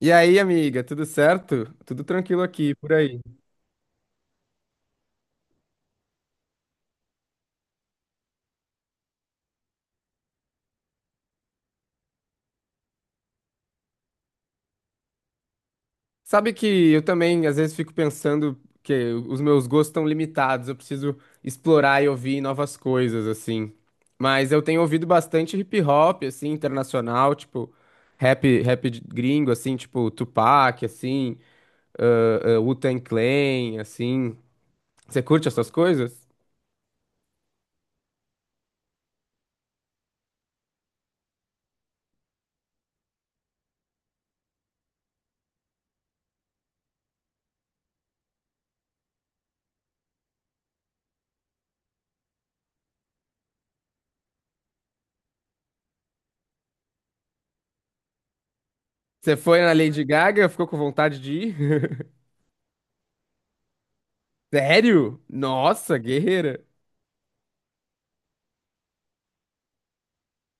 E aí, amiga, tudo certo? Tudo tranquilo aqui, por aí. Sabe que eu também às vezes fico pensando que os meus gostos estão limitados, eu preciso explorar e ouvir novas coisas, assim. Mas eu tenho ouvido bastante hip hop, assim, internacional, tipo rap, gringo, assim, tipo Tupac, assim, Wu-Tang Clan, assim. Você curte essas coisas? Você foi na Lady Gaga, ficou com vontade de ir? Sério? Nossa, guerreira.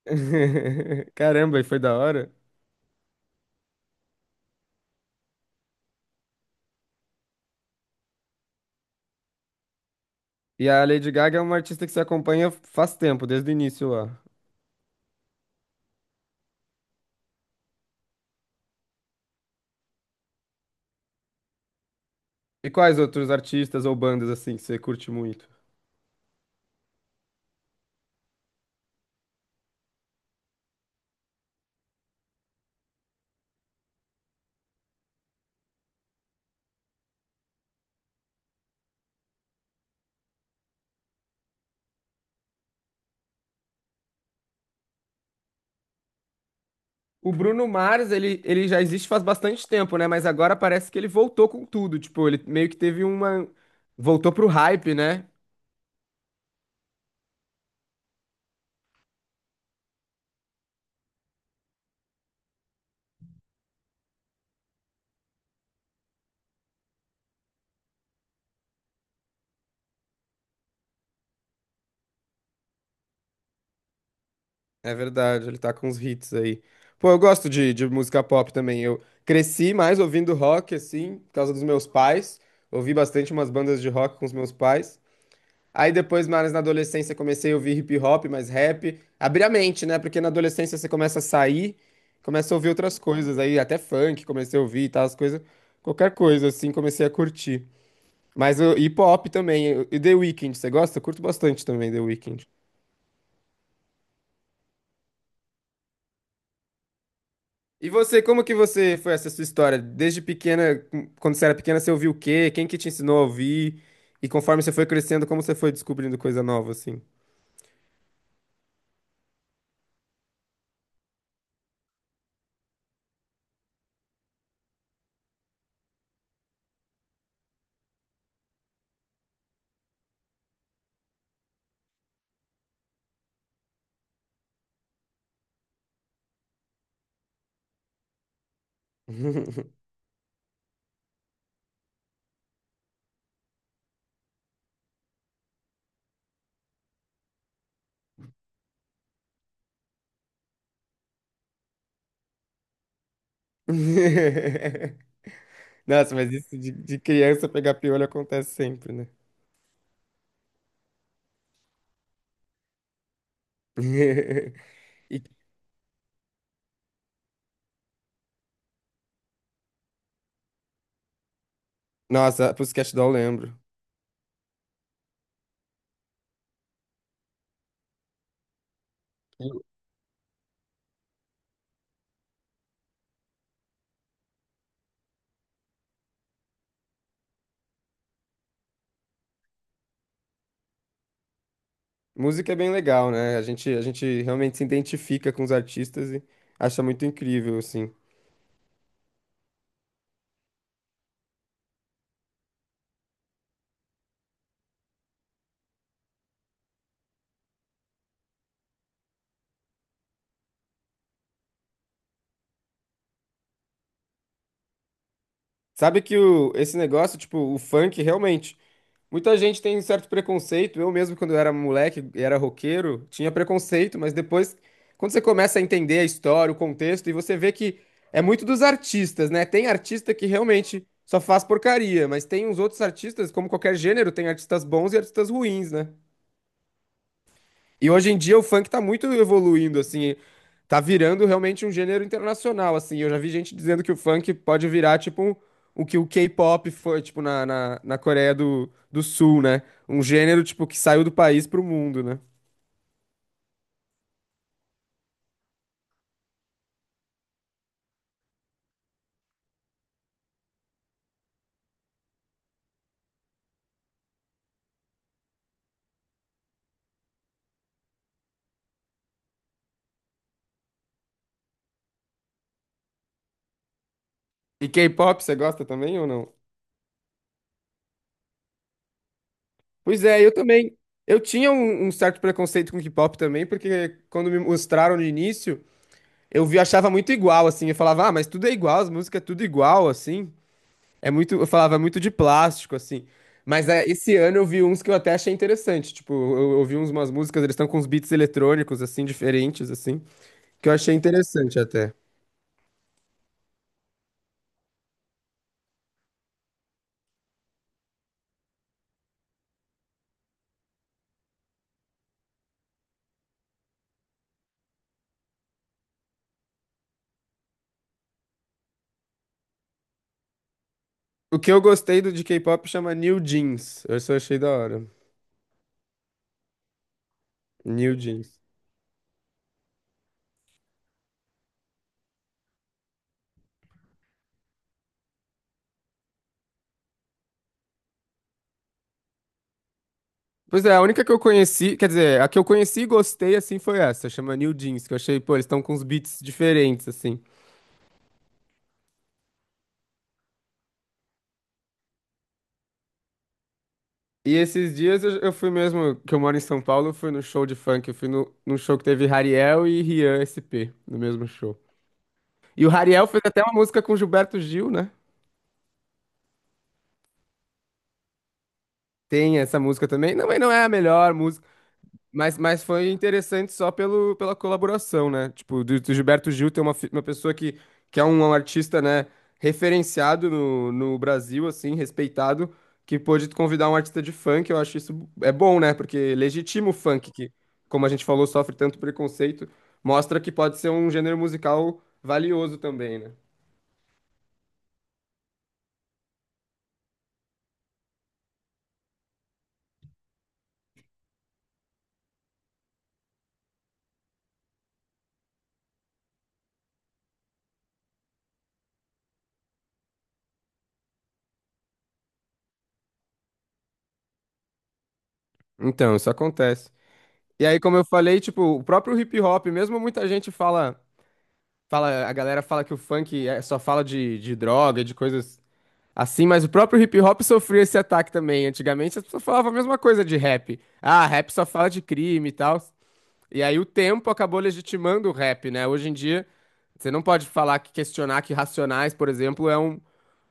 Caramba, e foi da hora. E a Lady Gaga é uma artista que você acompanha faz tempo, desde o início lá. E quais outros artistas ou bandas assim que você curte muito? O Bruno Mars, ele já existe faz bastante tempo, né? Mas agora parece que ele voltou com tudo. Tipo, ele meio que teve uma. Voltou pro hype, né? É verdade, ele tá com uns hits aí. Pô, eu gosto de música pop também. Eu cresci mais ouvindo rock, assim, por causa dos meus pais. Ouvi bastante umas bandas de rock com os meus pais. Aí depois, mais na adolescência, comecei a ouvir hip hop, mais rap. Abrir a mente, né? Porque na adolescência você começa a sair, começa a ouvir outras coisas. Aí até funk comecei a ouvir e tal, as coisas. Qualquer coisa, assim, comecei a curtir. Mas o hip hop também. E The Weeknd, você gosta? Eu curto bastante também The Weeknd. E você, como que você foi essa sua história? Desde pequena, quando você era pequena, você ouviu o quê? Quem que te ensinou a ouvir? E conforme você foi crescendo, como você foi descobrindo coisa nova, assim? Nossa, mas isso de criança pegar piolho acontece sempre, né? E- nossa, Pussycat Doll eu lembro. E música é bem legal, né? A gente realmente se identifica com os artistas e acha muito incrível, assim. Sabe que o, esse negócio, tipo, o funk, realmente. Muita gente tem um certo preconceito. Eu mesmo, quando eu era moleque e era roqueiro, tinha preconceito, mas depois, quando você começa a entender a história, o contexto, e você vê que é muito dos artistas, né? Tem artista que realmente só faz porcaria, mas tem uns outros artistas, como qualquer gênero, tem artistas bons e artistas ruins, né? E hoje em dia o funk tá muito evoluindo, assim, tá virando realmente um gênero internacional, assim. Eu já vi gente dizendo que o funk pode virar, tipo, o que o K-pop foi, tipo, na Coreia do Sul, né? Um gênero, tipo, que saiu do país pro mundo, né? E K-pop, você gosta também ou não? Pois é, eu também. Eu tinha um certo preconceito com K-pop também, porque quando me mostraram no início, eu vi, achava muito igual, assim. Eu falava, ah, mas tudo é igual, as músicas é tudo igual, assim. É muito, eu falava é muito de plástico, assim. Mas é, esse ano eu vi uns que eu até achei interessante. Tipo, eu ouvi uns, umas músicas, eles estão com uns beats eletrônicos, assim, diferentes, assim, que eu achei interessante até. O que eu gostei do de K-pop chama New Jeans. Eu só achei da hora. New Jeans. Pois é, a única que eu conheci, quer dizer, a que eu conheci e gostei, assim, foi essa. Chama New Jeans, que eu achei, pô, eles estão com uns beats diferentes, assim. E esses dias eu fui mesmo, que eu moro em São Paulo, eu fui no show de funk, eu fui no, num show que teve Hariel e Rian SP, no mesmo show. E o Hariel fez até uma música com Gilberto Gil, né? Tem essa música também. Não, mas não é a melhor. Mas foi interessante só pelo, pela colaboração, né? Tipo, do Gilberto Gil tem uma, uma pessoa que é um, um artista, né, referenciado no Brasil, assim, respeitado, que pôde convidar um artista de funk, eu acho isso é bom, né? Porque legitima o funk, que, como a gente falou, sofre tanto preconceito, mostra que pode ser um gênero musical valioso também, né? Então, isso acontece. E aí, como eu falei, tipo, o próprio hip hop, mesmo muita gente fala. Fala, a galera fala que o funk só fala de droga, de coisas assim, mas o próprio hip hop sofreu esse ataque também. Antigamente as pessoas falavam a mesma coisa de rap. Ah, rap só fala de crime e tal. E aí o tempo acabou legitimando o rap, né? Hoje em dia, você não pode falar que questionar que Racionais, por exemplo, é um,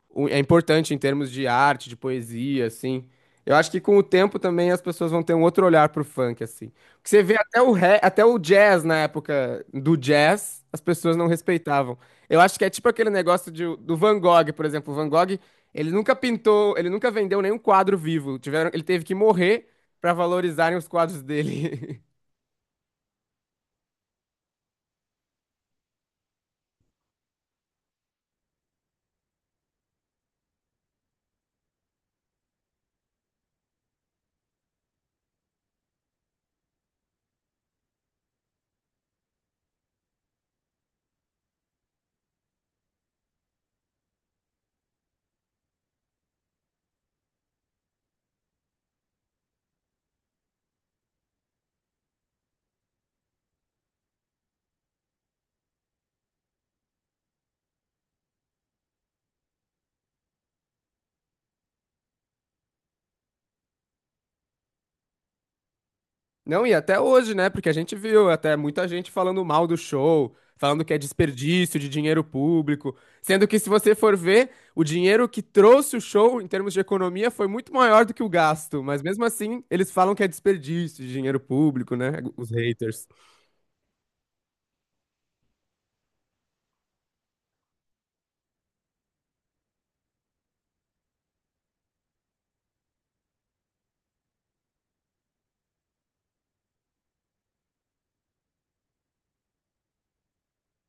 é importante em termos de arte, de poesia, assim. Eu acho que com o tempo também as pessoas vão ter um outro olhar pro funk, assim. Porque você vê até o até o jazz na época do jazz, as pessoas não respeitavam. Eu acho que é tipo aquele negócio do Van Gogh, por exemplo. O Van Gogh, ele nunca pintou, ele nunca vendeu nenhum quadro vivo. Tiveram, ele teve que morrer para valorizarem os quadros dele. Não, e até hoje, né? Porque a gente viu até muita gente falando mal do show, falando que é desperdício de dinheiro público, sendo que se você for ver, o dinheiro que trouxe o show em termos de economia foi muito maior do que o gasto, mas mesmo assim, eles falam que é desperdício de dinheiro público, né? Os haters.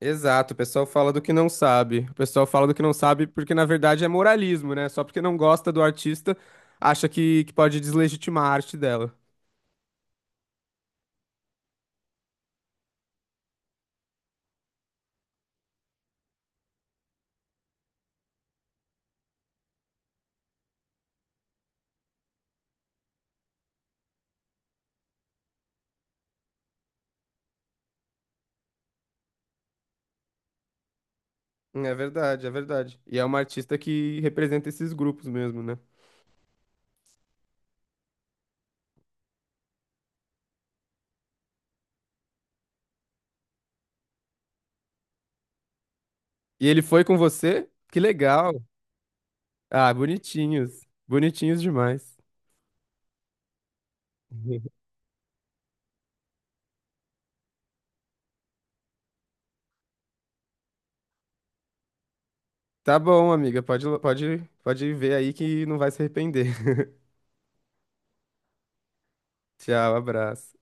Exato, o pessoal fala do que não sabe. O pessoal fala do que não sabe porque na verdade é moralismo, né? Só porque não gosta do artista, acha que pode deslegitimar a arte dela. É verdade, é verdade. E é uma artista que representa esses grupos mesmo, né? E ele foi com você? Que legal. Ah, bonitinhos. Bonitinhos demais. Tá bom, amiga. Pode, pode, pode ver aí que não vai se arrepender. Tchau, abraço.